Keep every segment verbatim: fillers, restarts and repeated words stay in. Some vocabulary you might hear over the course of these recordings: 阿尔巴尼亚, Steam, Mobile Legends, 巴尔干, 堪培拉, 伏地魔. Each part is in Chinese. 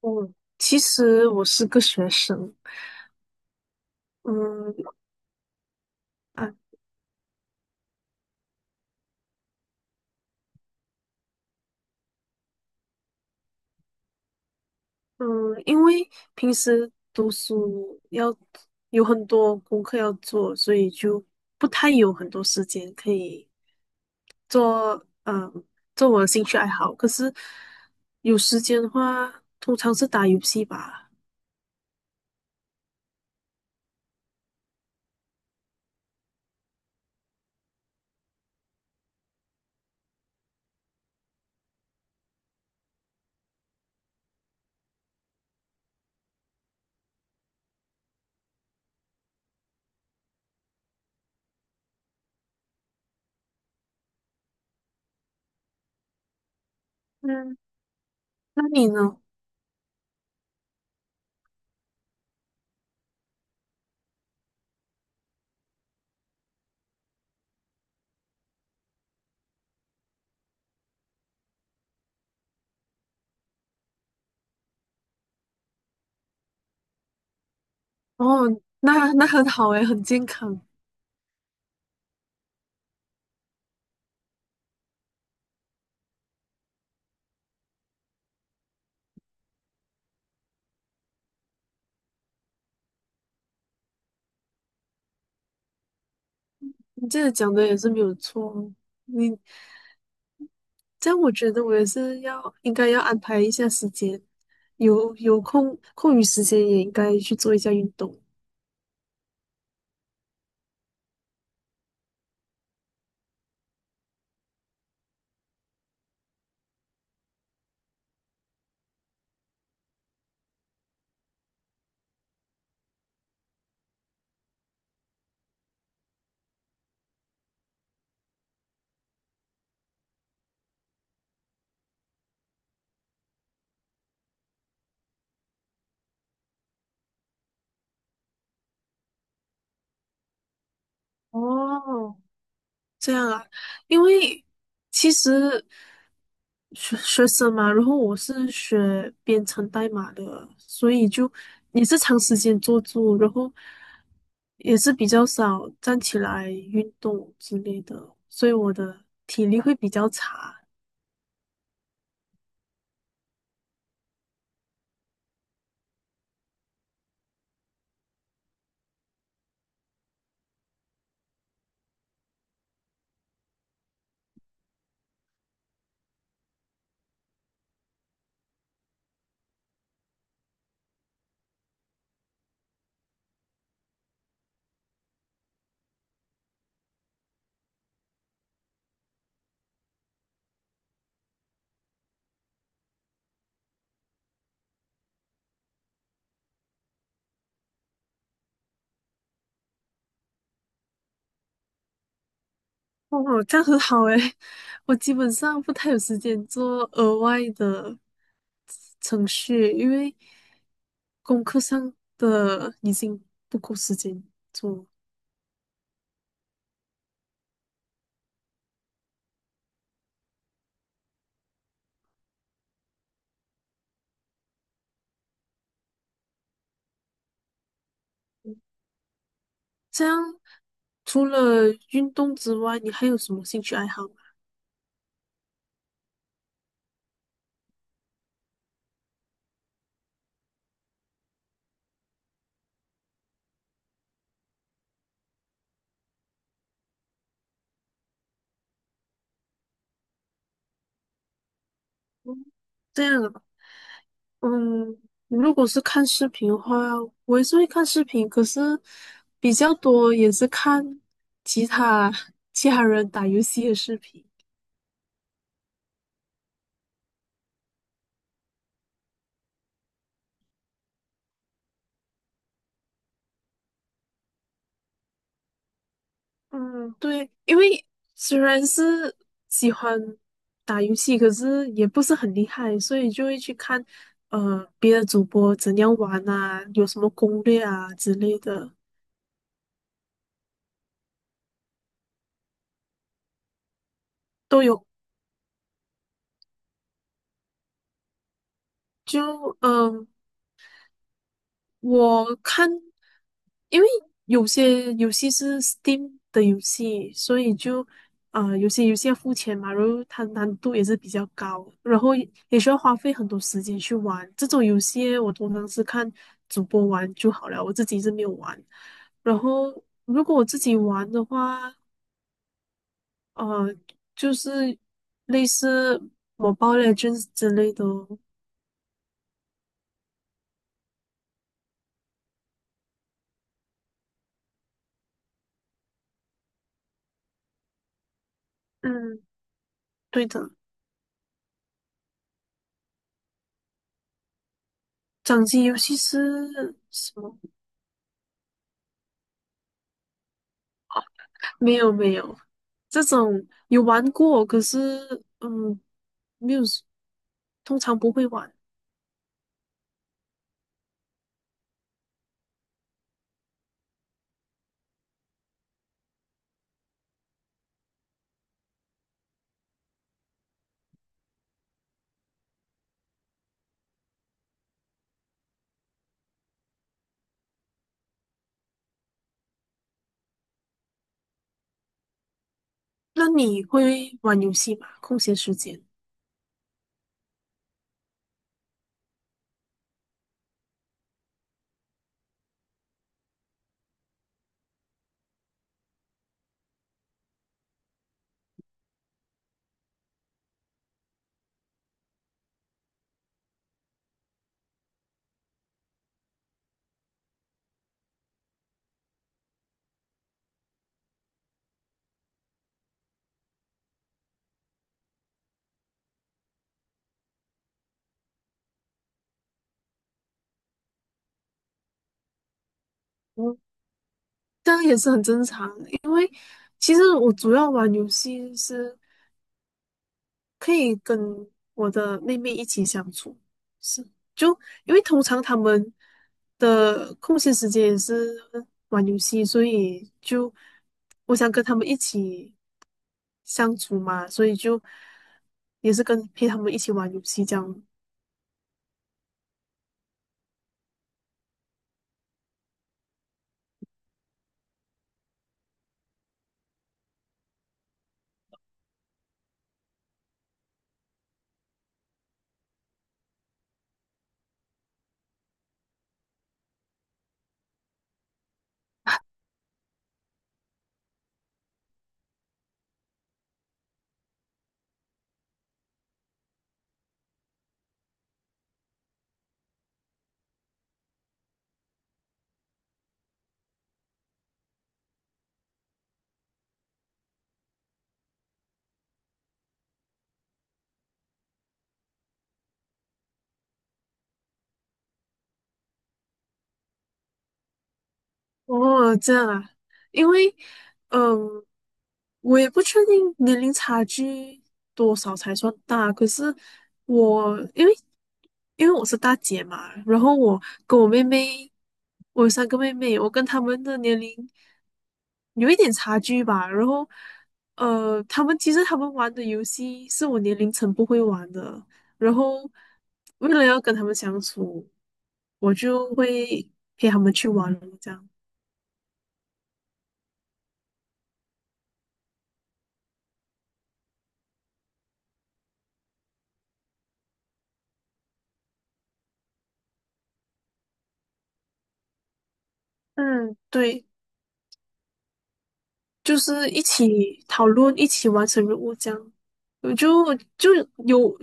嗯，其实我是个学生，嗯啊嗯，因为平时读书要有很多功课要做，所以就不太有很多时间可以做，嗯，做我的兴趣爱好。可是有时间的话，通常是打游戏吧。嗯，那你呢？哦，那那很好诶，很健康。你这个讲的也是没有错哦，你这样我觉得我也是要应该要安排一下时间，有有空空余时间也应该去做一下运动。哦，这样啊，因为其实学学生嘛，然后我是学编程代码的，所以就也是长时间坐住，然后也是比较少站起来运动之类的，所以我的体力会比较差。哦，这样很好诶，我基本上不太有时间做额外的程序，因为功课上的已经不够时间做。这样除了运动之外，你还有什么兴趣爱好吗？这样啊，嗯，如果是看视频的话，我也是会看视频，可是比较多也是看其他其他人打游戏的视频。嗯，对，因为虽然是喜欢打游戏，可是也不是很厉害，所以就会去看呃别的主播怎样玩啊，有什么攻略啊之类的都有。就嗯、呃我看，因为有些游戏是 Steam 的游戏，所以就啊、呃有些游戏要付钱嘛，然后它难度也是比较高，然后也也需要花费很多时间去玩。这种游戏我通常是看主播玩就好了，我自己是没有玩。然后如果我自己玩的话，呃，就是类似《Mobile Legends》之类的哦嗯，对的，掌机游戏是什么？没有没有，这种有玩过，可是嗯，没有，通常不会玩。那你会玩游戏吗？空闲时间，嗯，当然也是很正常的，因为其实我主要玩游戏是可以跟我的妹妹一起相处，是，就因为通常他们的空闲时间也是玩游戏，所以就我想跟他们一起相处嘛，所以就也是跟陪他们一起玩游戏这样。哦，这样啊，因为嗯，我也不确定年龄差距多少才算大，可是我因为因为我是大姐嘛，然后我跟我妹妹，我有三个妹妹，我跟她们的年龄有一点差距吧。然后，呃，她们其实她们玩的游戏是我年龄层不会玩的，然后为了要跟她们相处，我就会陪她们去玩这样。嗯，对。就是一起讨论，一起完成任务这样，我就就有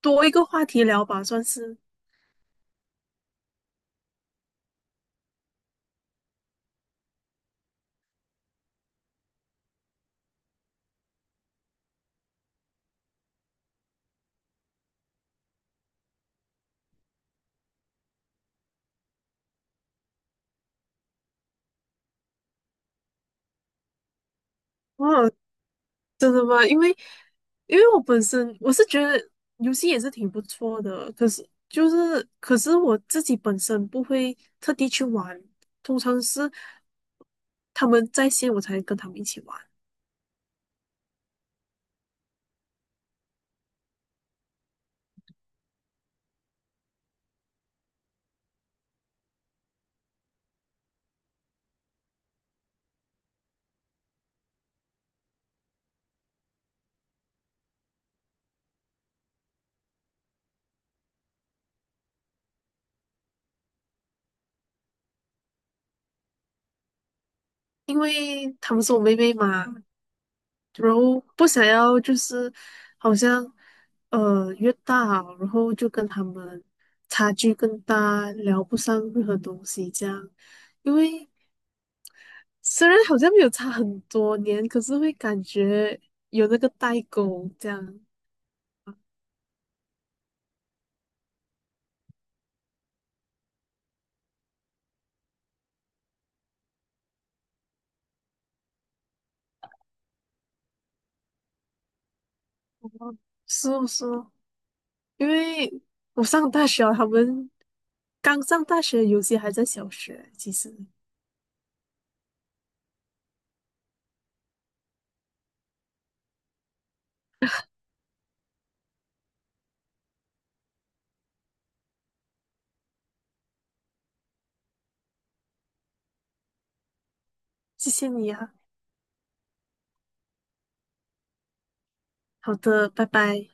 多一个话题聊吧，算是。哦，真的吗？因为因为我本身我是觉得游戏也是挺不错的，可是就是可是我自己本身不会特地去玩，通常是他们在线我才跟他们一起玩，因为他们是我妹妹嘛，然后不想要就是好像呃越大，然后就跟他们差距更大，聊不上任何东西这样。因为虽然好像没有差很多年，可是会感觉有那个代沟这样。哦是哦，是哦，因为我上大学啊，他们刚上大学，有些还在小学。其实，谢谢你啊。好的，拜拜。